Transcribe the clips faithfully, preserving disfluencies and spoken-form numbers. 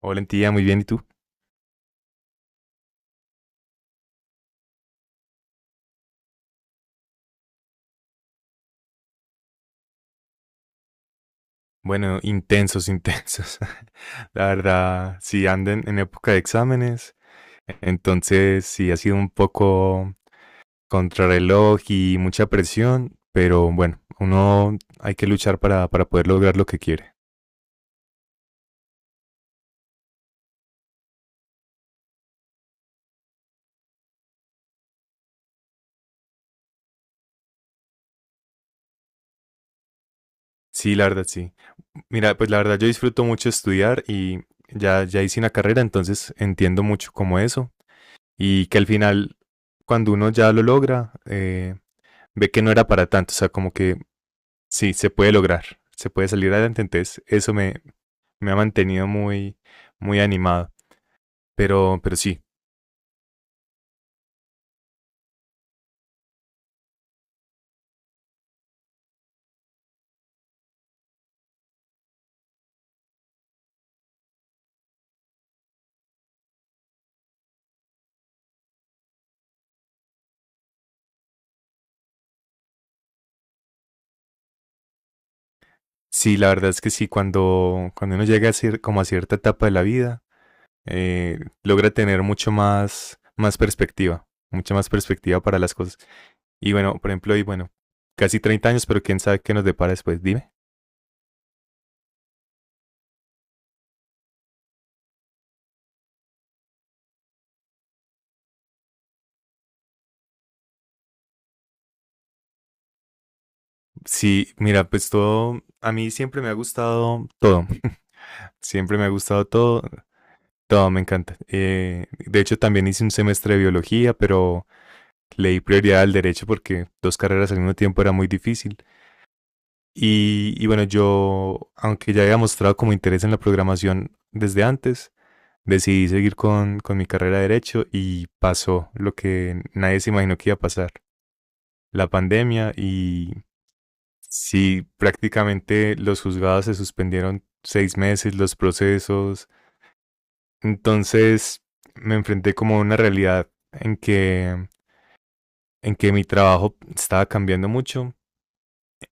Hola, tía, muy bien, ¿y tú? Bueno, intensos, intensos. La verdad, sí anden en época de exámenes, entonces sí ha sido un poco contrarreloj y mucha presión, pero bueno, uno hay que luchar para, para poder lograr lo que quiere. Sí, la verdad, sí. Mira, pues la verdad yo disfruto mucho estudiar y ya, ya hice una carrera, entonces entiendo mucho como eso. Y que al final, cuando uno ya lo logra, eh, ve que no era para tanto, o sea, como que sí, se puede lograr, se puede salir adelante, entonces eso me, me ha mantenido muy, muy animado, pero, pero sí, sí, la verdad es que sí, cuando, cuando uno llega a cier- como a cierta etapa de la vida, eh, logra tener mucho más, más perspectiva, mucha más perspectiva para las cosas. Y bueno, por ejemplo, y bueno, casi treinta años, pero quién sabe qué nos depara después, dime. Sí, mira, pues todo, a mí siempre me ha gustado todo, siempre me ha gustado todo, todo me encanta. Eh, de hecho, también hice un semestre de biología, pero le di prioridad al derecho porque dos carreras al mismo tiempo era muy difícil. Y, y bueno, yo, aunque ya había mostrado como interés en la programación desde antes, decidí seguir con, con mi carrera de derecho y pasó lo que nadie se imaginó que iba a pasar, la pandemia y sí, prácticamente los juzgados se suspendieron seis meses, los procesos. Entonces me enfrenté como a una realidad en que, en que mi trabajo estaba cambiando mucho,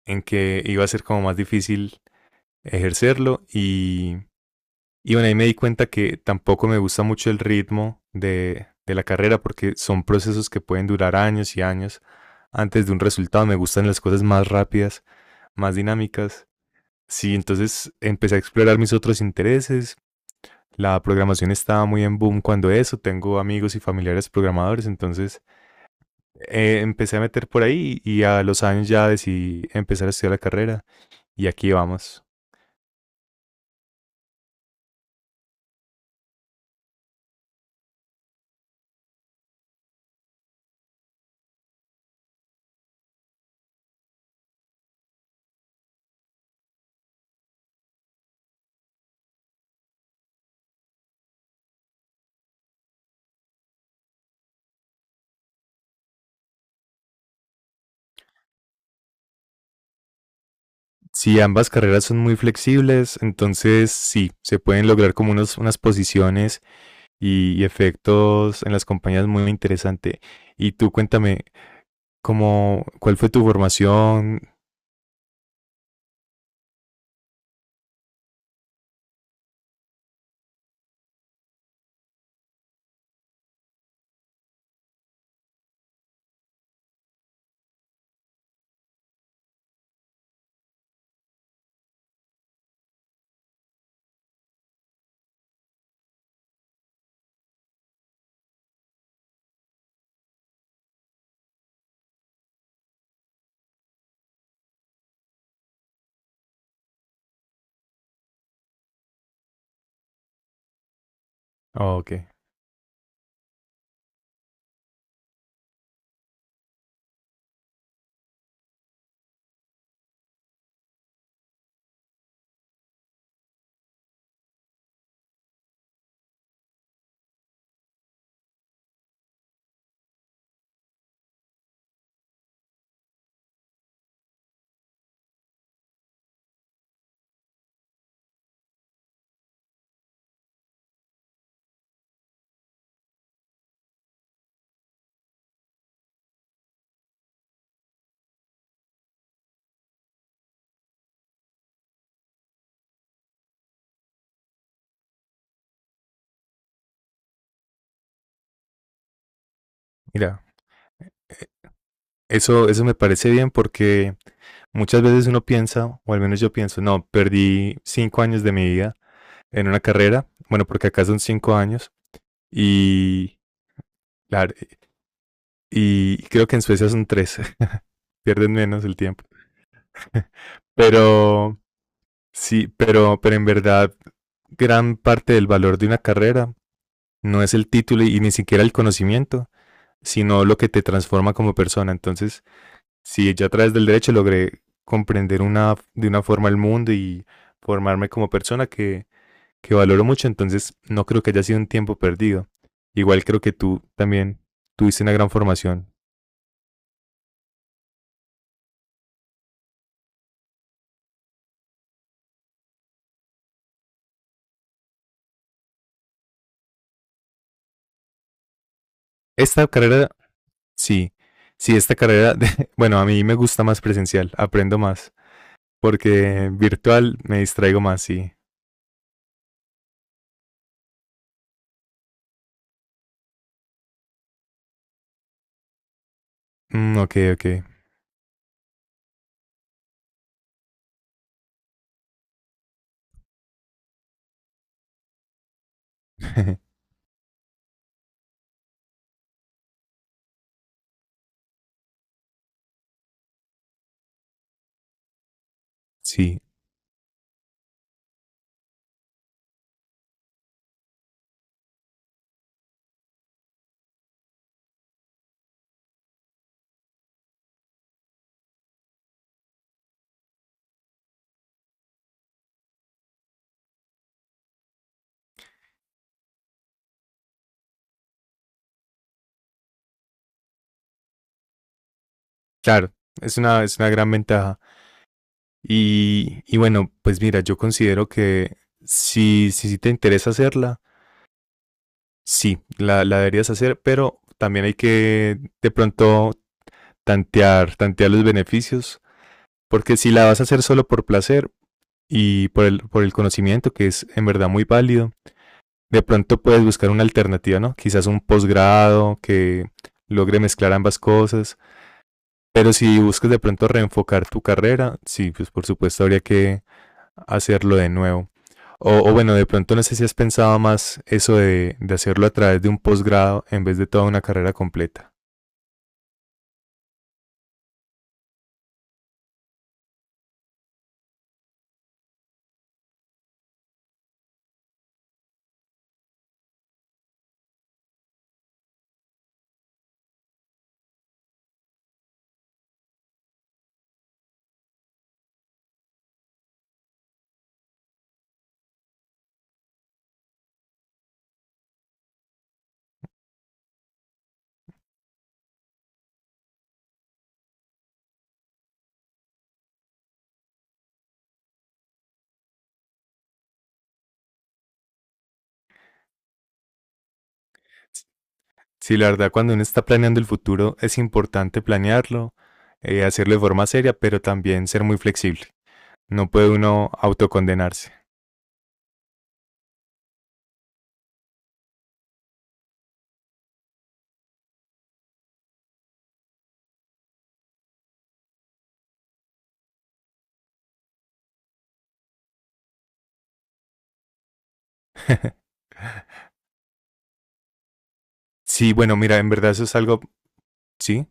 en que iba a ser como más difícil ejercerlo y, y bueno, ahí me di cuenta que tampoco me gusta mucho el ritmo de, de la carrera porque son procesos que pueden durar años y años antes de un resultado. Me gustan las cosas más rápidas, más dinámicas. Sí, entonces empecé a explorar mis otros intereses. La programación estaba muy en boom cuando eso, tengo amigos y familiares programadores, entonces eh, empecé a meter por ahí y a los años ya decidí empezar a estudiar la carrera y aquí vamos. Sí, ambas carreras son muy flexibles, entonces sí, se pueden lograr como unos, unas posiciones y, y efectos en las compañías muy interesante. Y tú cuéntame, ¿cómo, ¿cuál fue tu formación? Oh, ok, mira, eso, eso me parece bien porque muchas veces uno piensa, o al menos yo pienso, no, perdí cinco años de mi vida en una carrera, bueno, porque acá son cinco años y, la- y creo que en Suecia son tres, pierden menos el tiempo. Pero sí, pero, pero en verdad, gran parte del valor de una carrera no es el título y ni siquiera el conocimiento, sino lo que te transforma como persona. Entonces, si yo a través del derecho logré comprender una, de una forma el mundo y formarme como persona que que valoro mucho, entonces no creo que haya sido un tiempo perdido. Igual creo que tú también tuviste una gran formación. Esta carrera, sí, sí, esta carrera, de- bueno, a mí me gusta más presencial, aprendo más, porque virtual me distraigo más, sí. Mm, ok, ok. Sí, claro, es una, es una gran ventaja. Y, y bueno, pues mira, yo considero que si, si, si te interesa hacerla, sí, la, la deberías hacer, pero también hay que de pronto tantear, tantear los beneficios, porque si la vas a hacer solo por placer y por el, por el conocimiento, que es en verdad muy válido, de pronto puedes buscar una alternativa, ¿no? Quizás un posgrado que logre mezclar ambas cosas, pero si buscas de pronto reenfocar tu carrera, sí, pues por supuesto habría que hacerlo de nuevo. O, o bueno, de pronto no sé si has pensado más eso de, de hacerlo a través de un posgrado en vez de toda una carrera completa. Sí, la verdad, cuando uno está planeando el futuro es importante planearlo, eh, hacerlo de forma seria, pero también ser muy flexible. No puede uno autocondenarse. Sí, bueno, mira, en verdad eso es algo, sí,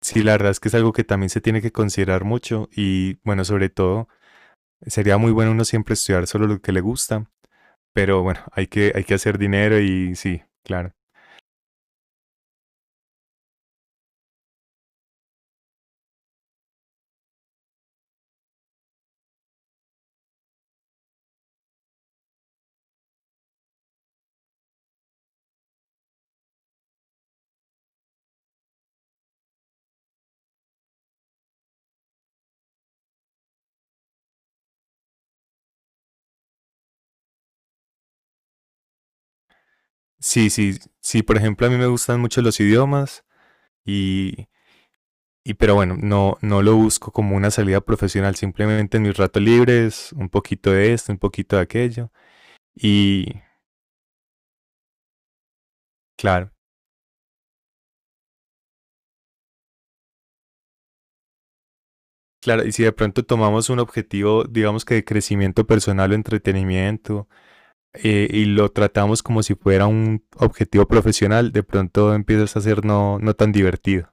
sí, la verdad es que es algo que también se tiene que considerar mucho y bueno, sobre todo, sería muy bueno uno siempre estudiar solo lo que le gusta, pero bueno, hay que, hay que hacer dinero y sí, claro. Sí, sí, sí, por ejemplo, a mí me gustan mucho los idiomas y Y pero bueno, no, no lo busco como una salida profesional, simplemente en mis ratos libres, un poquito de esto, un poquito de aquello. Y claro, claro, y si de pronto tomamos un objetivo, digamos que de crecimiento personal o entretenimiento, eh, y lo tratamos como si fuera un objetivo profesional, de pronto empiezas a ser no, no tan divertido.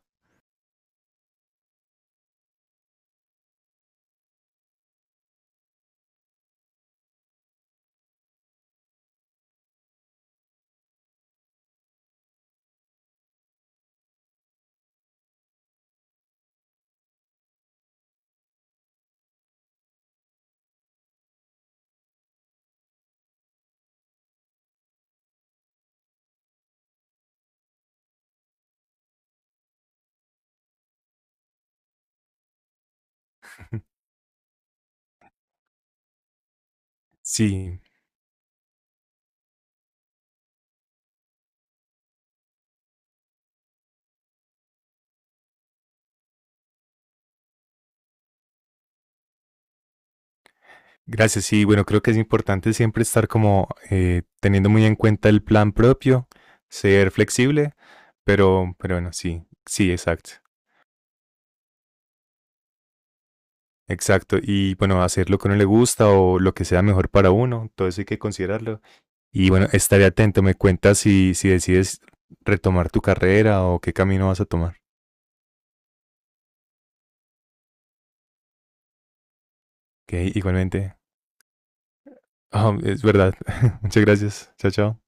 Sí, gracias. Sí, bueno, creo que es importante siempre estar como eh, teniendo muy en cuenta el plan propio, ser flexible, pero, pero bueno, sí, sí, exacto. Exacto, y bueno, hacer lo que a uno le gusta o lo que sea mejor para uno, todo eso hay que considerarlo. Y bueno, estaré atento, me cuentas si, si decides retomar tu carrera o qué camino vas a tomar. Ok, igualmente. Ah, es verdad. Muchas gracias. Chao, chao.